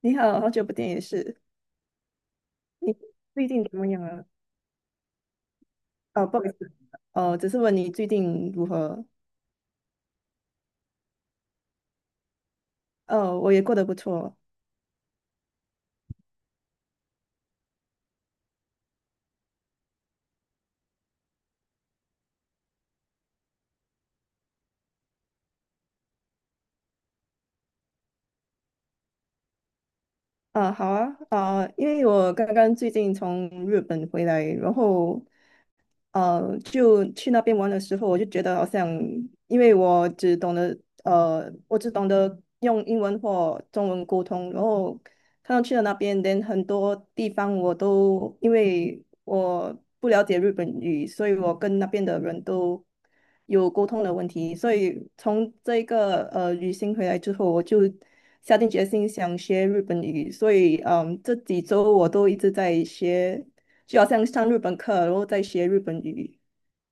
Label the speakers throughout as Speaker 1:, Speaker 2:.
Speaker 1: 你好，好久不见也是。你最近怎么样啊？哦，不好意思，哦，只是问你最近如何？哦，我也过得不错。啊，好啊，啊，因为我刚刚最近从日本回来，然后就去那边玩的时候，我就觉得好像，因为我只懂得我只懂得用英文或中文沟通，然后看到去了那边，连很多地方我都因为我不了解日本语，所以我跟那边的人都有沟通的问题，所以从这一个旅行回来之后，我就下定决心想学日本语，所以嗯，这几周我都一直在学。就好像上日本课，然后再学日本语，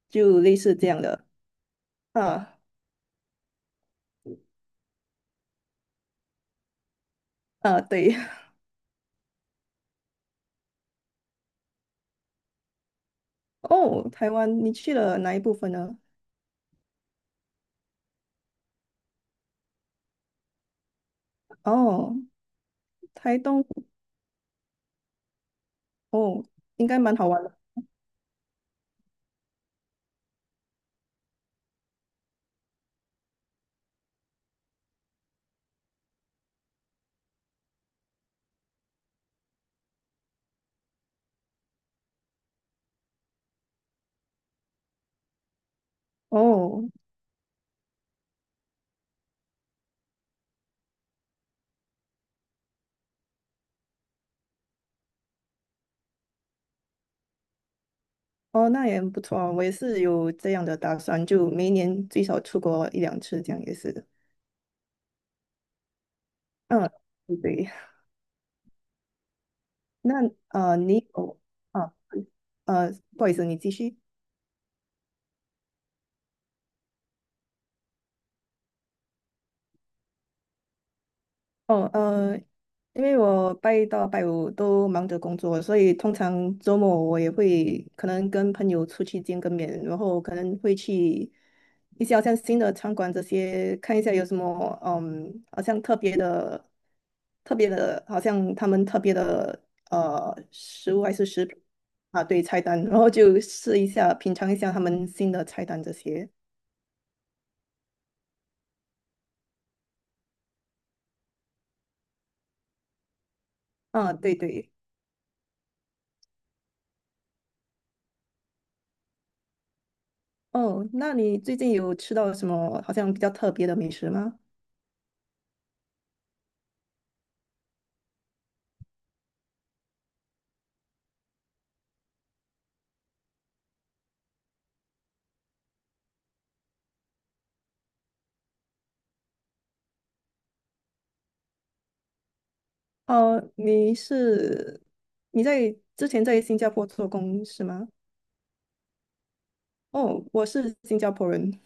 Speaker 1: 就类似这样的。啊啊，对。哦，台湾，你去了哪一部分呢？哦，台东，哦，应该蛮好玩的。哦哦，那也很不错啊。我也是有这样的打算，就每一年最少出国一两次，这样也是。嗯，对。那你哦啊，呃，不好意思，你继续。哦，呃，因为我拜一到拜五都忙着工作，所以通常周末我也会可能跟朋友出去见个面，然后可能会去一些好像新的餐馆这些看一下有什么，嗯，好像特别的、特别的，好像他们特别的食物还是食品啊，对，菜单，然后就试一下，品尝一下他们新的菜单这些。啊，对对。哦，那你最近有吃到什么好像比较特别的美食吗？哦，你是在之前在新加坡做工是吗？哦，我是新加坡人。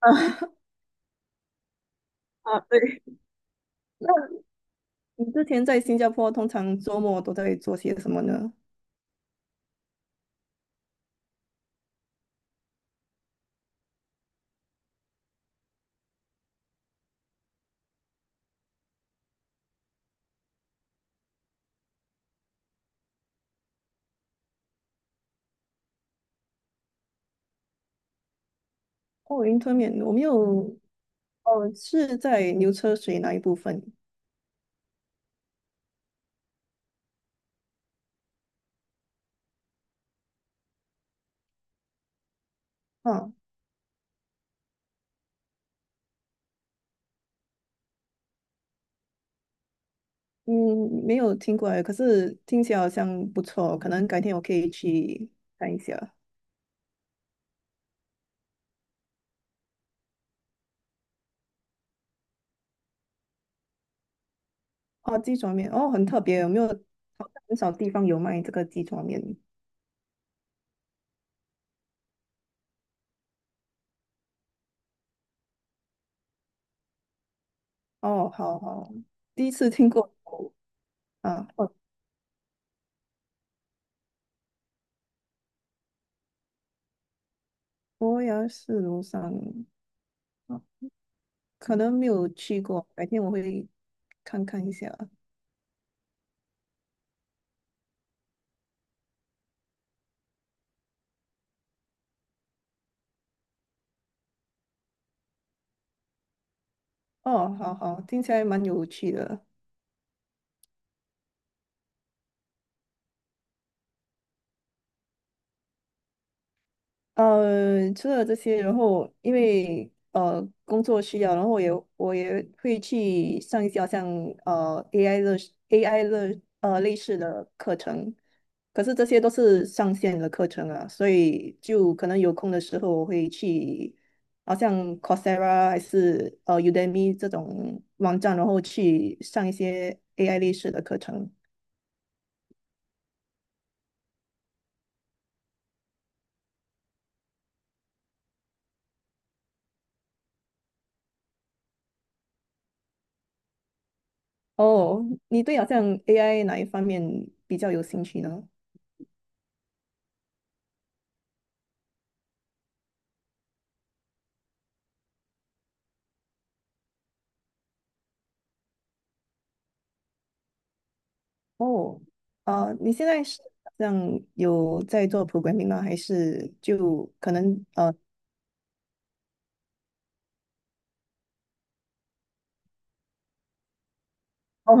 Speaker 1: 啊，啊，对，那你之前在新加坡通常周末都在做些什么呢？哦，云吞面，我没有，哦，是在牛车水那一部分啊，嗯，没有听过哎，可是听起来好像不错哦，可能改天我可以去看一下。哦，鸡爪面，哦，很特别，有没有？好像很少地方有卖这个鸡爪面。哦，好好，第一次听过啊，哦，伯牙是庐山，啊可能没有去过，改天我会看看一下。哦，好好，听起来蛮有趣的。除了这些，然后因为工作需要，然后我也我也会去上一些好像AI 的 AI 的类似的课程，可是这些都是上线的课程啊，所以就可能有空的时候我会去，好像 Coursera 还是Udemy 这种网站，然后去上一些 AI 类似的课程。哦，你对好像 AI 哪一方面比较有兴趣呢？哦，你现在是好像有在做 programming 吗？还是就可能呃，哦，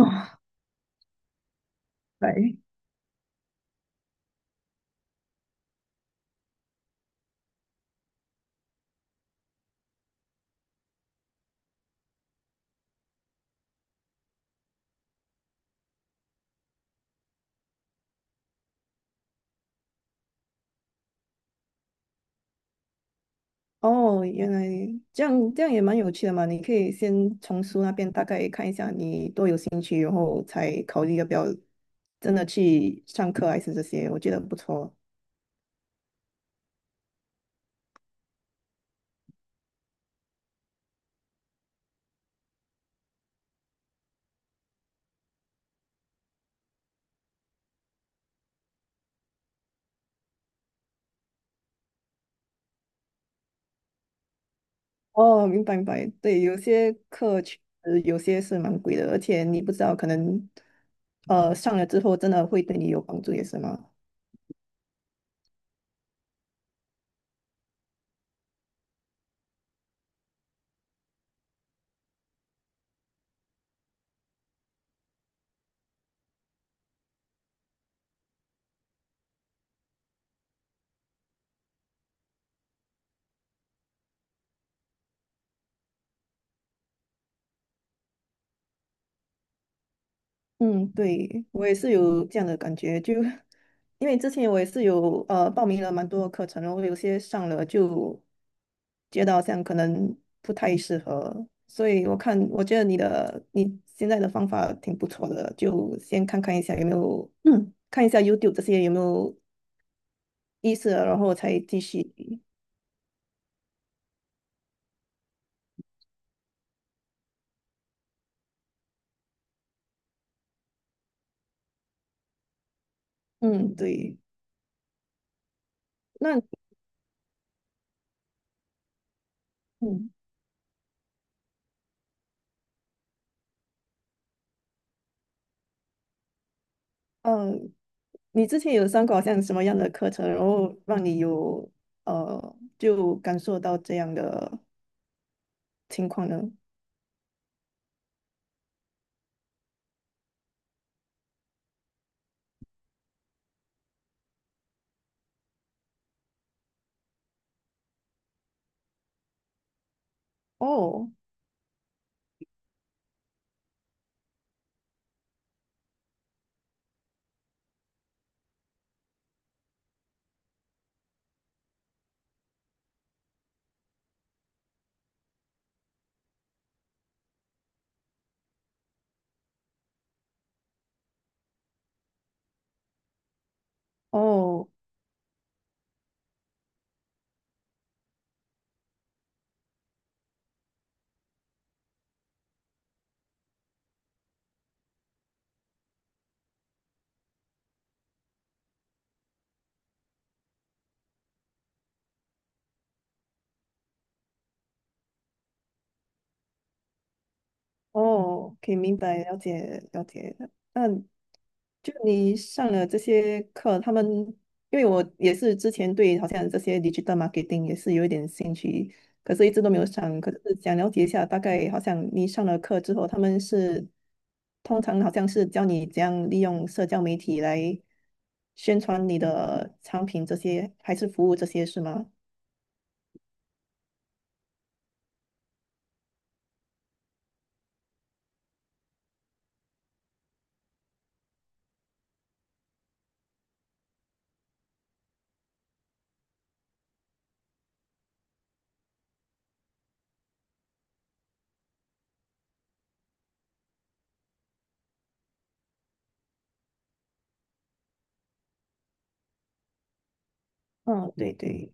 Speaker 1: 对，哦，原来这样，这样也蛮有趣的嘛。你可以先从书那边大概看一下你多有兴趣，然后才考虑要不要真的去上课还是这些，我觉得不错。哦，明白明白，对，有些课确实有些是蛮贵的，而且你不知道可能上了之后真的会对你有帮助，也是吗？嗯，对，我也是有这样的感觉，就因为之前我也是有报名了蛮多课程，然后有些上了就觉得好像可能不太适合，所以我看我觉得你的现在的方法挺不错的，就先看看一下有没有嗯看一下 YouTube 这些有没有意思，然后才继续。嗯，对，那嗯。嗯，你之前有上过好像什么样的课程，然后让你有就感受到这样的情况呢？哦哦哦，可以明白了解了解。那就你上了这些课，他们因为我也是之前对好像这些 digital marketing 也是有一点兴趣，可是一直都没有上。可是想了解一下，大概好像你上了课之后，他们是通常好像是教你怎样利用社交媒体来宣传你的产品这些，还是服务这些，是吗？嗯，对对。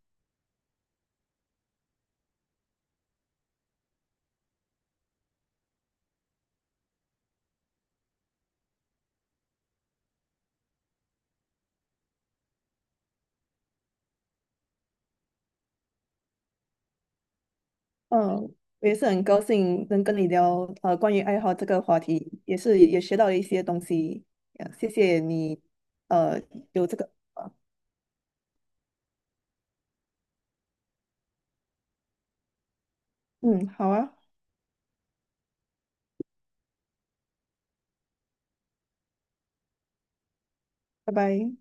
Speaker 1: 嗯，我也是很高兴能跟你聊关于爱好这个话题，也是也学到了一些东西，谢谢你，呃，有这个，嗯，好啊，拜拜。